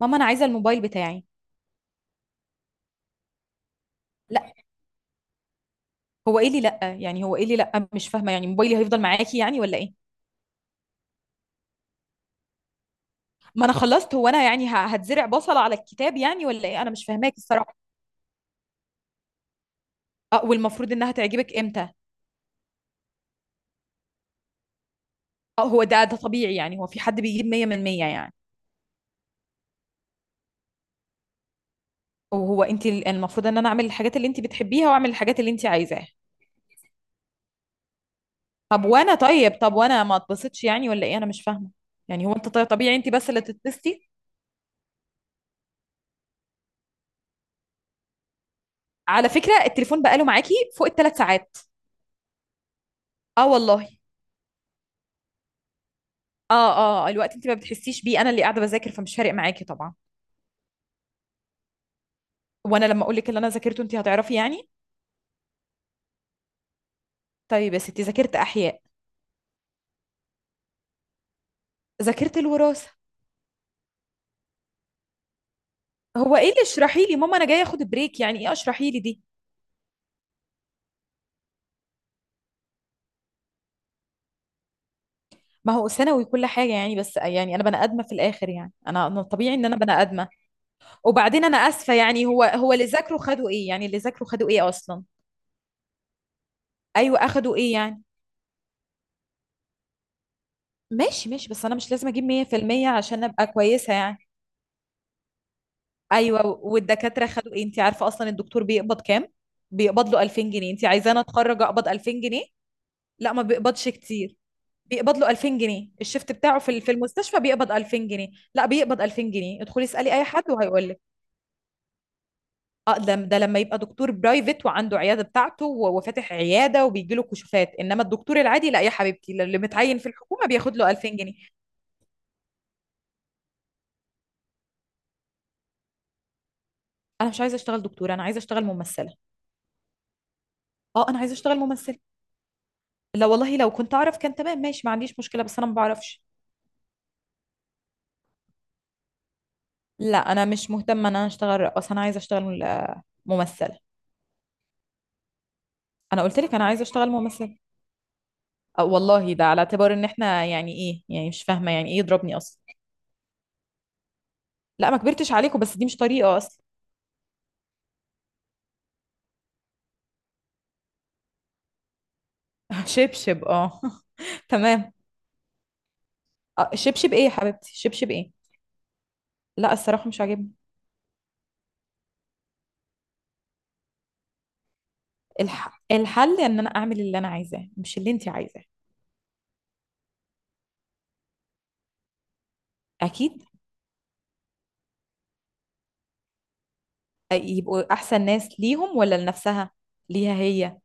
ماما انا عايزه الموبايل بتاعي. لا، هو ايه اللي لا؟ يعني هو ايه اللي لا؟ مش فاهمه، يعني موبايلي هيفضل معاكي يعني ولا ايه؟ ما انا خلصت، هو انا يعني هتزرع بصل على الكتاب يعني ولا ايه؟ انا مش فاهماك الصراحه. اه، والمفروض انها تعجبك امتى؟ اه، هو ده طبيعي يعني؟ هو في حد بيجيب 100 من 100 يعني؟ وهو انت المفروض ان انا اعمل الحاجات اللي انت بتحبيها واعمل الحاجات اللي انت عايزاها؟ طب وانا؟ طيب طب وانا ما اتبسطش يعني ولا ايه؟ انا مش فاهمه. يعني هو انت؟ طيب طبيعي انت بس اللي تتبسطي؟ على فكره التليفون بقاله معاكي فوق الـ 3 ساعات. اه والله. اه، اه، الوقت انت ما بتحسيش بيه، انا اللي قاعده بذاكر فمش فارق معاكي طبعا. وانا لما اقول لك اللي انا ذاكرته انت هتعرفي يعني؟ طيب يا ستي، ذاكرت احياء. ذاكرت الوراثه. هو ايه اللي اشرحي لي؟ ماما انا جايه اخد بريك، يعني ايه اشرحي لي دي؟ ما هو ثانوي كل حاجه يعني، بس يعني انا بني ادمه في الاخر يعني، انا طبيعي ان انا بني ادمه. وبعدين انا اسفه، يعني هو اللي ذاكروا خدوا ايه يعني؟ اللي ذاكروا خدوا ايه اصلا؟ ايوه اخدوا ايه يعني؟ ماشي ماشي، بس انا مش لازم اجيب 100% عشان ابقى كويسه يعني. ايوه، والدكاتره خدوا ايه؟ انت عارفه اصلا الدكتور بيقبض كام؟ بيقبض له 2000 جنيه. انت عايزاني اتخرج اقبض 2000 جنيه؟ لا، ما بيقبضش كتير. بيقبض له 2000 جنيه الشفت بتاعه، في المستشفى بيقبض 2000 جنيه. لا، بيقبض 2000 جنيه، ادخلي اسالي اي حد وهيقول لك. اه، ده لما يبقى دكتور برايفت وعنده عياده بتاعته وفاتح عياده وبيجي له كشوفات، انما الدكتور العادي لا يا حبيبتي، اللي متعين في الحكومه بياخد له 2000 جنيه. انا مش عايزه اشتغل دكتوره، انا عايزه اشتغل ممثله. اه، انا عايزه اشتغل ممثله. لا والله، لو كنت اعرف كان تمام ماشي، ما عنديش مشكلة، بس انا ما بعرفش. لا، انا مش مهتمة ان انا اشتغل رقاصة، انا عايزة اشتغل ممثلة. انا قلت لك انا عايزة اشتغل ممثلة. أه والله، ده على اعتبار ان احنا يعني ايه؟ يعني مش فاهمة يعني ايه يضربني اصلا. لا، ما كبرتش عليكم، بس دي مش طريقة اصلا. شبشب اه. تمام. شبشب ايه يا حبيبتي؟ شبشب ايه؟ لا الصراحة مش عاجبني. الحل ان انا اعمل اللي انا عايزاه، مش اللي انت عايزاه. اكيد. يبقوا احسن ناس ليهم ولا لنفسها؟ ليها هي.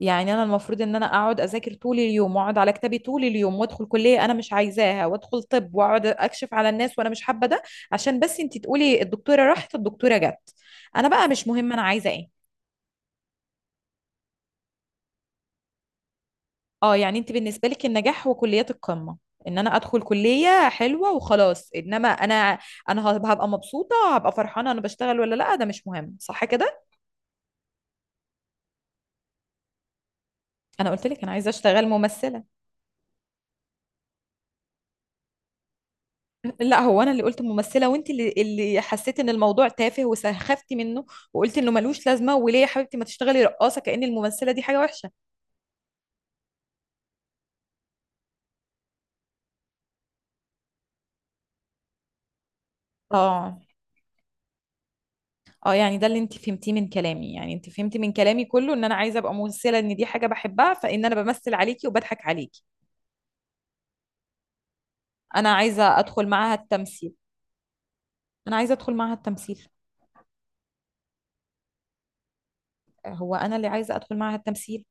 يعني انا المفروض ان انا اقعد اذاكر طول اليوم واقعد على كتابي طول اليوم وادخل كليه انا مش عايزاها وادخل طب واقعد اكشف على الناس وانا مش حابه ده، عشان بس انت تقولي الدكتوره راحت الدكتوره جت. انا بقى مش مهم انا عايزه ايه؟ اه، يعني انت بالنسبه لك النجاح هو كليات القمه، ان انا ادخل كليه حلوه وخلاص. انما انا، انا هبقى مبسوطه، هبقى فرحانه انا بشتغل ولا لا، ده مش مهم صح كده؟ انا قلت لك انا عايزه اشتغل ممثله. لا، هو انا اللي قلت ممثله وانت اللي حسيت ان الموضوع تافه وسخفتي منه، وقلت انه ملوش لازمه، وليه يا حبيبتي ما تشتغلي رقاصه؟ كأن الممثله دي حاجه وحشه. اه. اه يعني، ده اللي انت فهمتيه من كلامي يعني؟ انت فهمتي من كلامي كله ان انا عايزه ابقى ممثله، ان دي حاجه بحبها، فان انا بمثل عليكي وبضحك عليكي. انا عايزه ادخل معاها التمثيل. انا عايزه ادخل معاها التمثيل. هو انا اللي عايزه ادخل معاها التمثيل.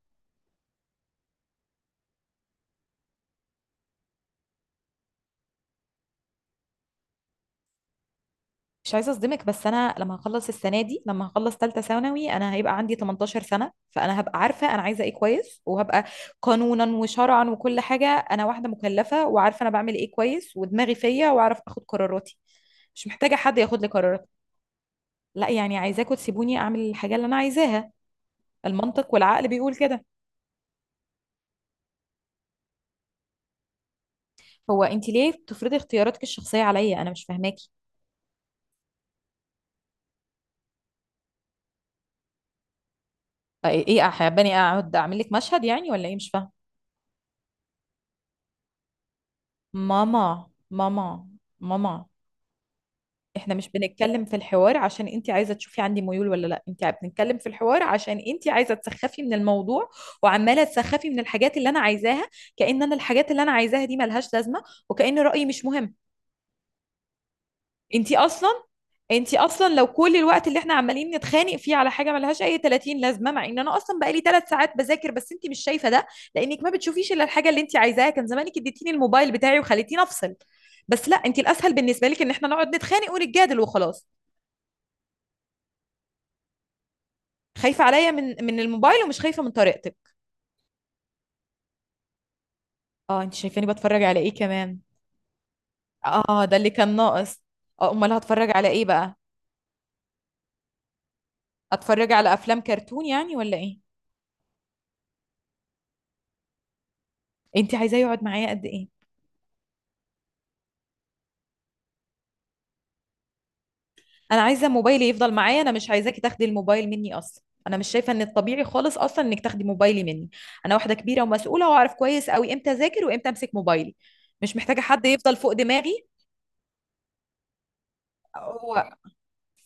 مش عايزه اصدمك، بس انا لما هخلص السنه دي، لما هخلص ثالثه ثانوي، انا هيبقى عندي 18 سنه، فانا هبقى عارفه انا عايزه ايه كويس، وهبقى قانونا وشرعا وكل حاجه انا واحده مكلفه وعارفه انا بعمل ايه كويس، ودماغي فيا واعرف اخد قراراتي. مش محتاجه حد ياخد لي قرارات. لا، يعني عايزاكم تسيبوني اعمل الحاجه اللي انا عايزاها. المنطق والعقل بيقول كده. هو انت ليه بتفرضي اختياراتك الشخصيه عليا؟ انا مش فاهماكي. ايه، حاباني اقعد اعمل لك مشهد يعني ولا ايه؟ مش فاهمه. ماما، ماما، ماما، احنا مش بنتكلم في الحوار عشان انت عايزه تشوفي عندي ميول ولا لا، انت بنتكلم في الحوار عشان انت عايزه تسخفي من الموضوع، وعماله تسخفي من الحاجات اللي انا عايزاها، كأن انا الحاجات اللي انا عايزاها دي ملهاش لازمه، وكأن رأيي مش مهم. انت اصلا، انت اصلا لو كل الوقت اللي احنا عمالين نتخانق فيه على حاجه ملهاش اي 30 لازمه، مع ان انا اصلا بقالي 3 ساعات بذاكر بس انت مش شايفه ده، لانك ما بتشوفيش الا الحاجه اللي انت عايزاها. كان زمانك اديتيني الموبايل بتاعي وخليتيني افصل، بس لا، انت الاسهل بالنسبه لك ان احنا نقعد نتخانق ونتجادل وخلاص. خايفة عليا من الموبايل ومش خايفة من طريقتك؟ اه، انت شايفاني بتفرج على ايه كمان؟ اه، ده اللي كان ناقص. اه، امال هتفرج على ايه بقى؟ اتفرج على افلام كرتون يعني ولا ايه؟ انت عايزاه يقعد معايا قد ايه؟ انا عايزة موبايلي يفضل معايا، انا مش عايزاكي تاخدي الموبايل مني اصلا. انا مش شايفة ان الطبيعي خالص اصلا انك تاخدي موبايلي مني، انا واحدة كبيرة ومسؤولة واعرف كويس قوي امتى اذاكر وامتى امسك موبايلي. مش محتاجة حد يفضل فوق دماغي. هو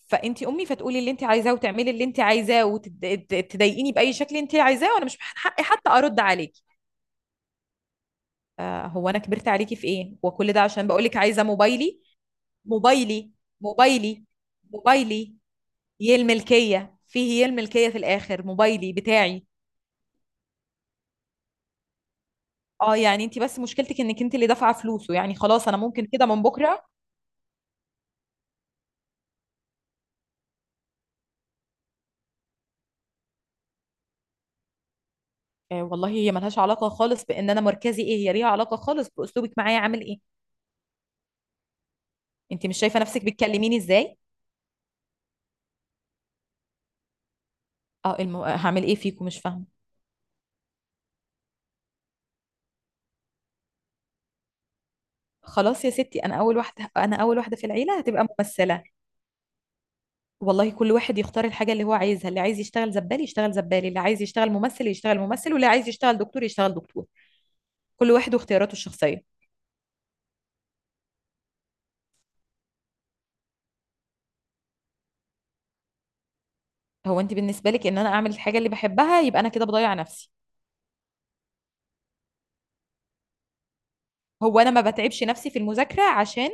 فانت امي فتقولي اللي انت عايزاه وتعملي اللي انت عايزاه وتضايقيني باي شكل انت عايزاه وانا مش من حقي حتى ارد عليكي؟ آه، هو انا كبرت عليكي في ايه؟ وكل ده عشان بقول لك عايزه موبايلي؟ موبايلي، موبايلي، موبايلي، هي الملكيه فيه، هي الملكيه في الاخر موبايلي بتاعي. اه، يعني انت بس مشكلتك انك انت اللي دافعه فلوسه، يعني خلاص انا ممكن كده من بكره. آه والله، هي ملهاش علاقه خالص بان انا مركزي ايه، هي ليها علاقه خالص باسلوبك معايا عامل ايه. انت مش شايفه نفسك بتكلميني ازاي؟ اه، هعمل ايه فيكم؟ مش فاهمه. خلاص يا ستي، انا اول واحده، انا اول واحده في العيله هتبقى ممثله. والله كل واحد يختار الحاجه اللي هو عايزها، اللي عايز يشتغل زبال يشتغل زبال، اللي عايز يشتغل ممثل يشتغل ممثل، واللي عايز يشتغل دكتور يشتغل دكتور. كل واحد واختياراته الشخصيه. هو انت بالنسبه لك ان انا اعمل الحاجه اللي بحبها يبقى انا كده بضيع نفسي؟ هو انا ما بتعبش نفسي في المذاكره عشان،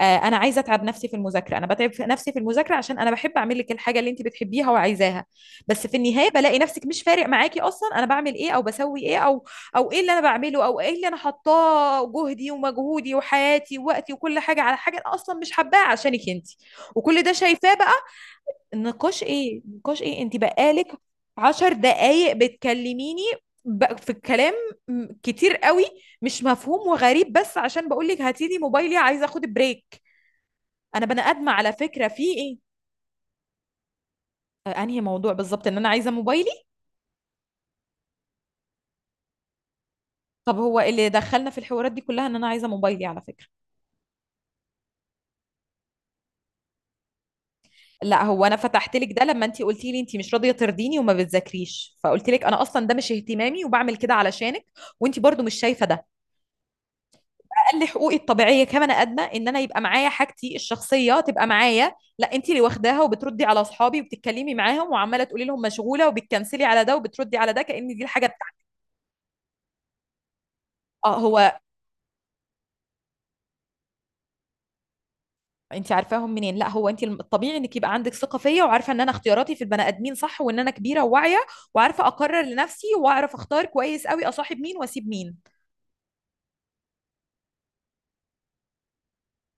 انا عايزه اتعب نفسي في المذاكره؟ انا بتعب نفسي في المذاكره عشان انا بحب اعمل لك الحاجه اللي انت بتحبيها وعايزاها، بس في النهايه بلاقي نفسك مش فارق معاكي اصلا انا بعمل ايه او بسوي ايه او، او ايه اللي انا بعمله، او ايه اللي انا حطاه جهدي ومجهودي وحياتي ووقتي وكل حاجه على حاجه انا اصلا مش حباها عشانك انت. وكل ده شايفاه بقى. نقاش ايه؟ نقاش ايه؟ انت بقالك 10 دقايق بتكلميني في الكلام، كتير قوي مش مفهوم وغريب، بس عشان بقولك هاتيلي موبايلي عايزه اخد بريك. انا بني ادمه على فكره في ايه؟ انهي موضوع بالظبط؟ ان انا عايزه موبايلي؟ طب هو اللي دخلنا في الحوارات دي كلها ان انا عايزه موبايلي على فكره. لا، هو انا فتحت لك ده لما انت قلتي لي انت مش راضيه ترضيني وما بتذاكريش، فقلت لك انا اصلا ده مش اهتمامي وبعمل كده علشانك، وانت برضو مش شايفه ده. اقل حقوقي الطبيعيه كبني ادمه ان انا يبقى معايا حاجتي الشخصيه تبقى معايا، لا انت اللي واخداها وبتردي على اصحابي وبتتكلمي معاهم وعماله تقولي لهم مشغوله وبتكنسلي على ده وبتردي على ده كان دي الحاجه بتاعتك. اه هو، انت عارفاهم منين؟ لا، هو انت الطبيعي انك يبقى عندك ثقه فيا وعارفه ان انا اختياراتي في البني ادمين صح، وان انا كبيره وواعيه وعارفه اقرر لنفسي واعرف اختار كويس قوي اصاحب مين واسيب مين.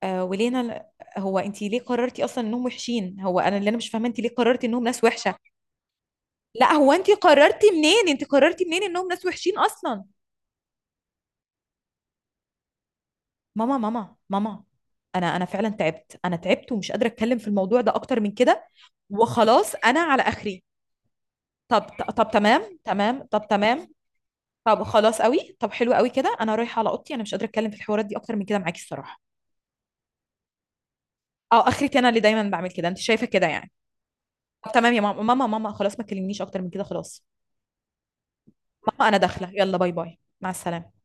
آه ولينا، هو انت ليه قررتي اصلا انهم وحشين؟ هو انا اللي انا مش فاهمه انت ليه قررتي انهم ناس وحشه. لا، هو انت قررتي منين؟ انت قررتي منين انهم ناس وحشين اصلا؟ ماما، ماما، ماما، انا فعلا تعبت، انا تعبت ومش قادره اتكلم في الموضوع ده اكتر من كده. وخلاص انا على اخري. طب، طب تمام تمام، طب تمام. طب خلاص قوي طب حلو قوي كده، انا رايحه على اوضتي، انا مش قادره اتكلم في الحوارات دي اكتر من كده معاكي الصراحه. اه، اخرتي انا اللي دايما بعمل كده؟ انت شايفه كده يعني؟ طب تمام يا ماما، ماما، ماما، خلاص ما تكلمنيش اكتر من كده، خلاص. ماما انا داخله، يلا باي باي، مع السلامه.